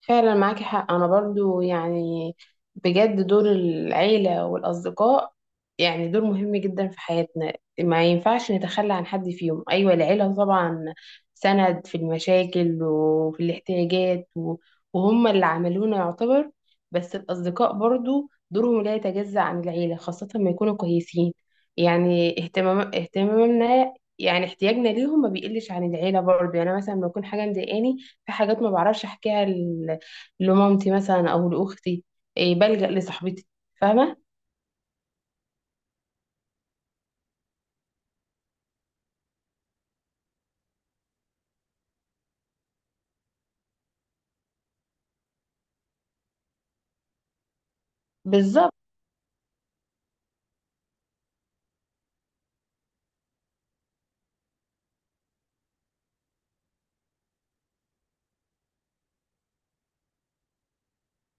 فعلا معاكي حق، انا برضو يعني بجد دور العيلة والاصدقاء، يعني دور مهم جدا في حياتنا. ما ينفعش نتخلى عن حد فيهم. ايوه العيلة طبعا سند في المشاكل وفي الاحتياجات وهم اللي عملونا يعتبر. بس الاصدقاء برضو دورهم لا يتجزأ عن العيلة خاصة ما يكونوا كويسين. يعني اهتمامنا، يعني احتياجنا ليهم ما بيقلش عن العيلة برضو. يعني أنا مثلا لما يكون حاجة مضايقاني، في حاجات ما بعرفش احكيها لمامتي مثلا او لاختي، إيه بلجأ لصاحبتي، فاهمه. بالظبط.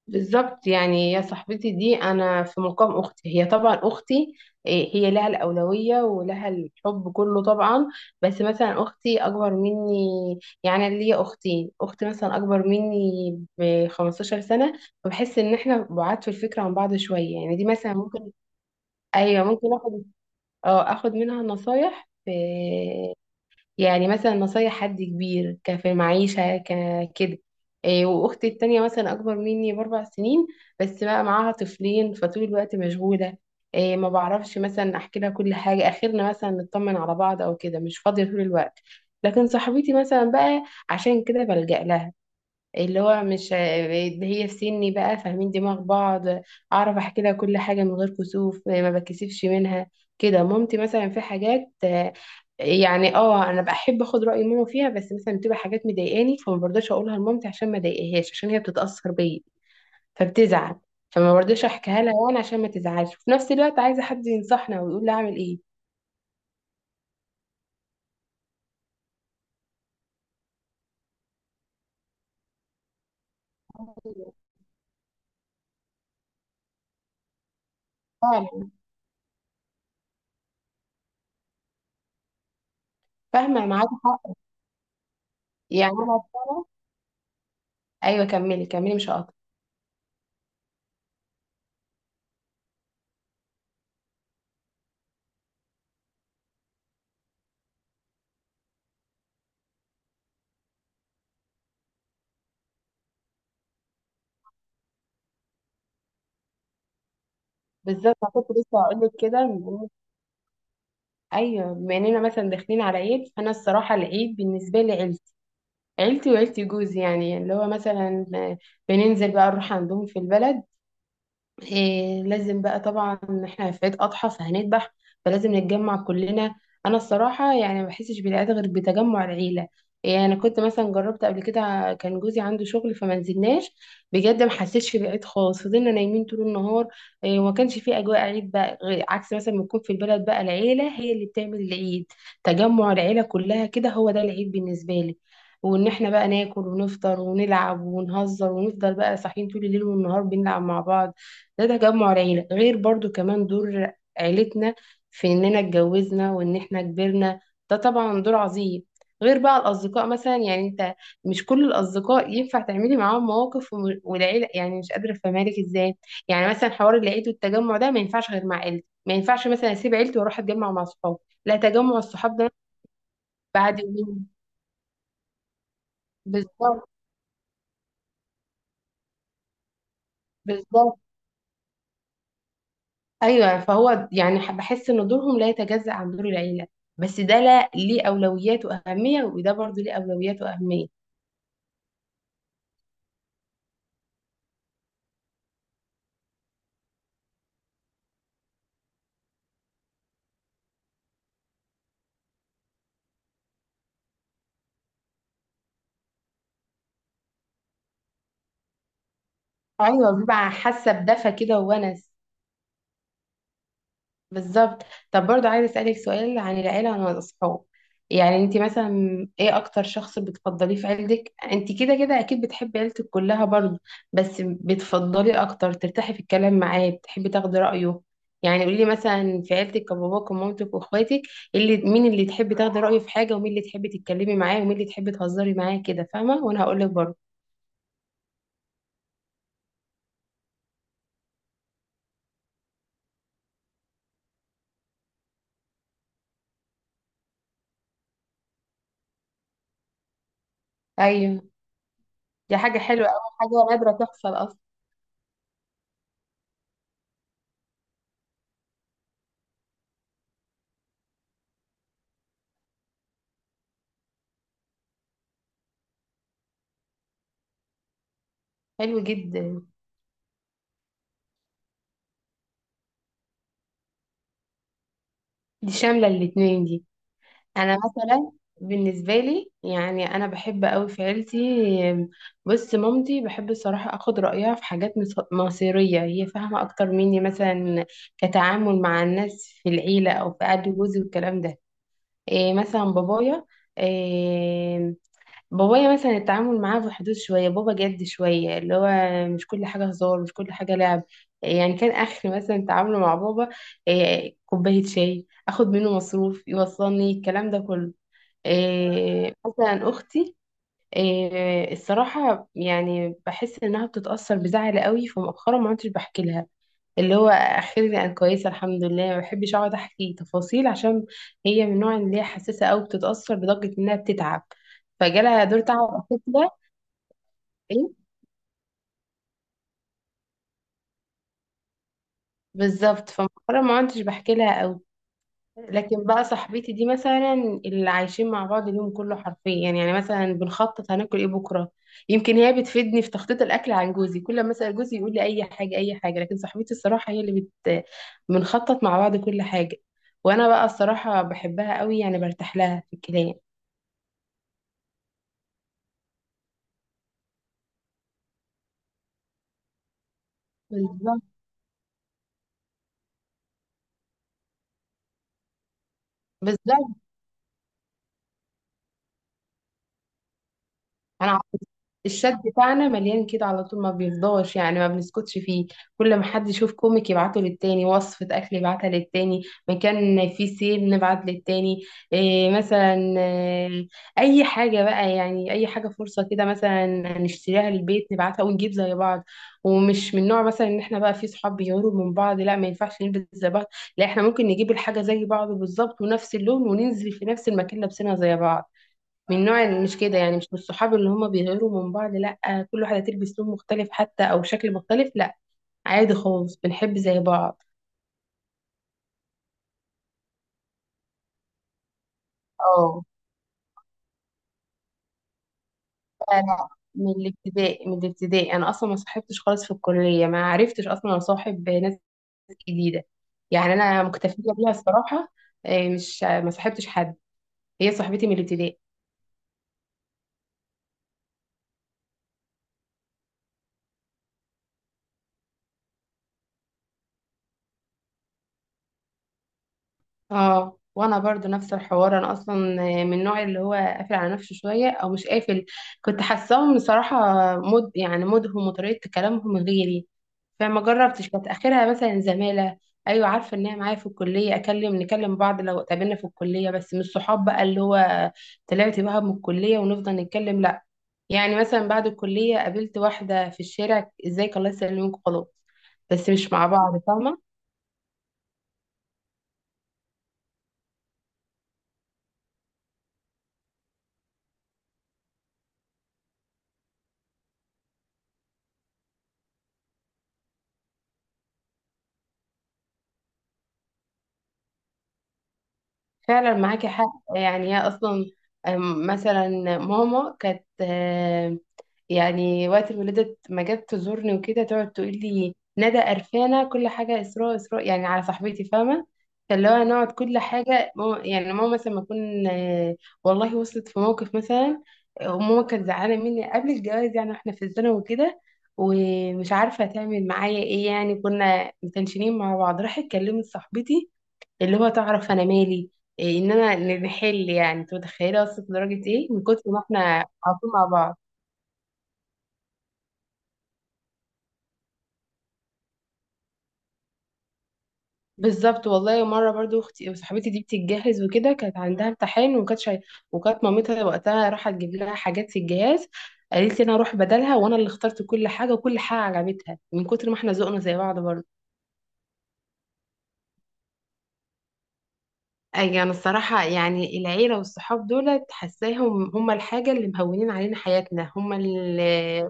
بالظبط. يعني يا صاحبتي دي انا في مقام اختي، هي طبعا اختي، إيه، هي لها الاولويه ولها الحب كله طبعا. بس مثلا اختي اكبر مني، يعني أنا ليا اختين، اخت مثلا اكبر مني ب 15 سنه، فبحس ان احنا بعاد في الفكره عن بعض شويه. يعني دي مثلا ممكن، ايوه ممكن اخد منها نصايح، يعني مثلا نصايح حد كبير في المعيشة كده. إيه، وأختي التانية مثلا أكبر مني بأربع سنين، بس بقى معاها طفلين فطول الوقت مشغولة. إيه، ما بعرفش مثلا أحكي لها كل حاجة، آخرنا مثلا نطمن على بعض أو كده، مش فاضية طول الوقت. لكن صاحبتي مثلا بقى، عشان كده بلجأ لها، اللي هو مش اللي هي في سني بقى فاهمين دماغ بعض. اعرف احكي لها كل حاجه من غير كسوف، ما بتكسفش منها كده. مامتي مثلا في حاجات، يعني انا بحب اخد راي ماما فيها، بس مثلا بتبقى حاجات مضايقاني، فما برضاش اقولها لمامتي عشان ما اضايقهاش، عشان هي بتتاثر بيا فبتزعل، فما برضاش احكيها لها وانا عشان ما تزعلش، وفي نفس الوقت عايزه حد ينصحنا ويقول لي اعمل ايه. فعلا فاهمه معاك حق. يعني انا. ايوه كملي كملي مش هقطع. بالظبط، انا كنت لسه هقول لك كده. ايوه بما اننا مثلا داخلين على عيد، فانا الصراحه العيد بالنسبه لي عيلتي، عيلتي وعيلتي جوزي، يعني اللي هو مثلا بننزل بقى نروح عندهم في البلد. إيه لازم بقى طبعا، احنا في عيد اضحى فهنذبح، فلازم نتجمع كلنا. انا الصراحه يعني ما بحسش بالعيد غير بتجمع العيله. يعني انا كنت مثلا جربت قبل كده، كان جوزي عنده شغل فما نزلناش، بجد ما حسيتش بالعيد خالص، فضلنا نايمين طول النهار، إيه، وما كانش في اجواء عيد بقى، غير عكس مثلا ما يكون في البلد بقى العيله هي اللي بتعمل العيد. تجمع العيله كلها كده هو ده العيد بالنسبه لي، وان احنا بقى ناكل ونفطر ونلعب ونهزر ونفضل بقى صاحيين طول الليل والنهار بنلعب مع بعض، ده تجمع العيلة. غير برضو كمان دور عيلتنا في إننا اتجوزنا وإن إحنا كبرنا، ده طبعا دور عظيم. غير بقى الأصدقاء مثلا، يعني أنت مش كل الأصدقاء ينفع تعملي معاهم مواقف والعيلة، يعني مش قادرة أفهمهالك إزاي. يعني مثلا حوار العيد والتجمع ده ما ينفعش غير مع عيلتي، ما ينفعش مثلا أسيب عيلتي وأروح أتجمع مع صحابي، لا تجمع الصحاب ده بعد يومين. بالظبط. بالظبط. ايوه فهو يعني بحس ان دورهم لا يتجزأ عن دور العيله، بس ده لا ليه اولويات واهميه، وده برضه ليه اولويات واهميه. ايوه بيبقى حاسه بدفى كده وونس. بالظبط. طب برضو عايزة أسألك سؤال عن العيلة وعن الأصحاب. يعني انت مثلا ايه اكتر شخص بتفضليه في عيلتك؟ انت كده كده اكيد بتحبي عيلتك كلها برضو، بس بتفضليه اكتر ترتاحي في الكلام معاه، بتحبي تاخدي رأيه. يعني قولي مثلا في عيلتك باباك ومامتك واخواتك، مين اللي تحبي تاخدي رأيه في حاجة، ومين اللي تحبي تتكلمي معاه، ومين اللي تحبي تهزري معاه، كده فاهمة؟ وانا هقول لك برضو. ايوه. دي حاجة حلوة أوي، حاجة نادرة تحصل اصلا. حلو جدا. دي شاملة الاتنين دي. انا مثلا بالنسبه لي، يعني انا بحب قوي في عيلتي. بص مامتي بحب الصراحه اخد رايها في حاجات مصيريه، هي فاهمه اكتر مني مثلا كتعامل مع الناس في العيله او في قعده جوزي والكلام ده. إيه مثلا بابايا، إيه، بابايا مثلا التعامل معاه في حدود شويه، بابا جد شويه، اللي هو مش كل حاجه هزار مش كل حاجه لعب، إيه، يعني كان اخر مثلا تعامله مع بابا إيه، كوبايه شاي، اخد منه مصروف، يوصلني الكلام ده كله. إيه، مثلا اختي، إيه، الصراحه يعني بحس انها بتتاثر بزعل قوي، فمؤخرا ما عدتش بحكي لها. اللي هو اخيرا انا كويسه الحمد لله، ما بحبش اقعد احكي تفاصيل، عشان هي من النوع اللي هي حساسه قوي، بتتاثر لدرجه انها بتتعب، فجالها دور تعب كده. ايه بالظبط، فمؤخرا ما عدتش بحكي لها قوي. لكن بقى صاحبتي دي مثلا، اللي عايشين مع بعض اليوم كله حرفيا، يعني مثلا بنخطط هناكل ايه بكره، يمكن هي بتفيدني في تخطيط الاكل عن جوزي. كل ما اسال جوزي يقول لي اي حاجه اي حاجه، لكن صاحبتي الصراحه هي اللي بنخطط مع بعض كل حاجه. وانا بقى الصراحه بحبها قوي، يعني برتاح لها في الكلام. بالظبط. بالظبط. انا عارفة. الشات بتاعنا مليان كده على طول ما بيفضاش، يعني ما بنسكتش فيه. كل ما حد يشوف كوميك يبعته للتاني، وصفة اكل يبعتها للتاني، مكان فيه سيل نبعت للتاني، إيه مثلا، إيه، اي حاجة بقى، يعني اي حاجة فرصة كده مثلا نشتريها للبيت نبعتها ونجيب زي بعض. ومش من نوع مثلا ان احنا بقى في صحاب بيغيروا من بعض، لا ما ينفعش نلبس زي بعض، لا احنا ممكن نجيب الحاجة زي بعض بالظبط ونفس اللون، وننزل في نفس المكان لابسينها زي بعض. من نوع مش كده، يعني مش من الصحاب اللي هم بيغيروا من بعض لا كل واحدة تلبس لون مختلف حتى أو شكل مختلف، لا عادي خالص بنحب زي بعض. اه، فأنا من الابتدائي، من الابتدائي أنا أصلا ما صاحبتش خالص، في الكلية ما عرفتش أصلا أصاحب ناس جديدة، يعني أنا مكتفية بيها الصراحة. إيه، مش ما صاحبتش حد، هي صاحبتي من الابتدائي. اه وانا برضو نفس الحوار، انا اصلا من النوع اللي هو قافل على نفسه شويه، او مش قافل، كنت حاساهم بصراحه يعني مودهم وطريقه كلامهم غيري، فما جربتش. كانت اخرها مثلا زماله، ايوه عارفه ان هي معايا في الكليه، نكلم بعض لو اتقابلنا في الكليه، بس مش صحاب بقى اللي هو طلعت بقى من الكليه ونفضل نتكلم، لا. يعني مثلا بعد الكليه قابلت واحده في الشارع، ازيك، الله يسلمك، خلاص، بس مش مع بعض، فاهمه. فعلا معاكي حق. يعني هي اصلا مثلا ماما كانت يعني وقت الولادة ما جت تزورني وكده، تقعد تقول لي ندى قرفانة كل حاجة، إسراء إسراء، يعني على صاحبتي فاهمة. فاللي هو نقعد كل حاجة ماما، يعني ماما مثلا ما أكون. والله وصلت في موقف مثلا، وماما كانت زعلانة مني قبل الجواز يعني، واحنا في الثانوي وكده، ومش عارفة تعمل معايا ايه، يعني كنا متنشنين مع بعض، راحت كلمت صاحبتي اللي هو تعرف انا مالي، إيه ان انا نحل. يعني انت متخيله وصلت لدرجه ايه من كتر ما احنا على طول مع بعض. بالظبط. والله مره برضو اختي وصاحبتي دي بتتجهز وكده، كانت عندها امتحان، وكانت مامتها وقتها راحت تجيب لها حاجات في الجهاز، قالت لي انا اروح بدلها، وانا اللي اخترت كل حاجه، وكل حاجه عجبتها من كتر ما احنا ذوقنا زي بعض برضو. اي انا الصراحه يعني العيله والصحاب دول حاساهم هم الحاجه اللي مهونين علينا حياتنا هم، إيه،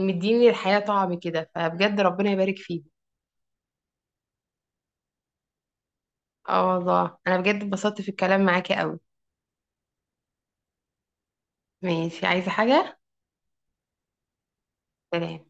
مديني الحياة طعم كده، فبجد ربنا يبارك فيه. اه والله انا بجد اتبسطت في الكلام معاكي قوي. ماشي، عايزة حاجة؟ سلام.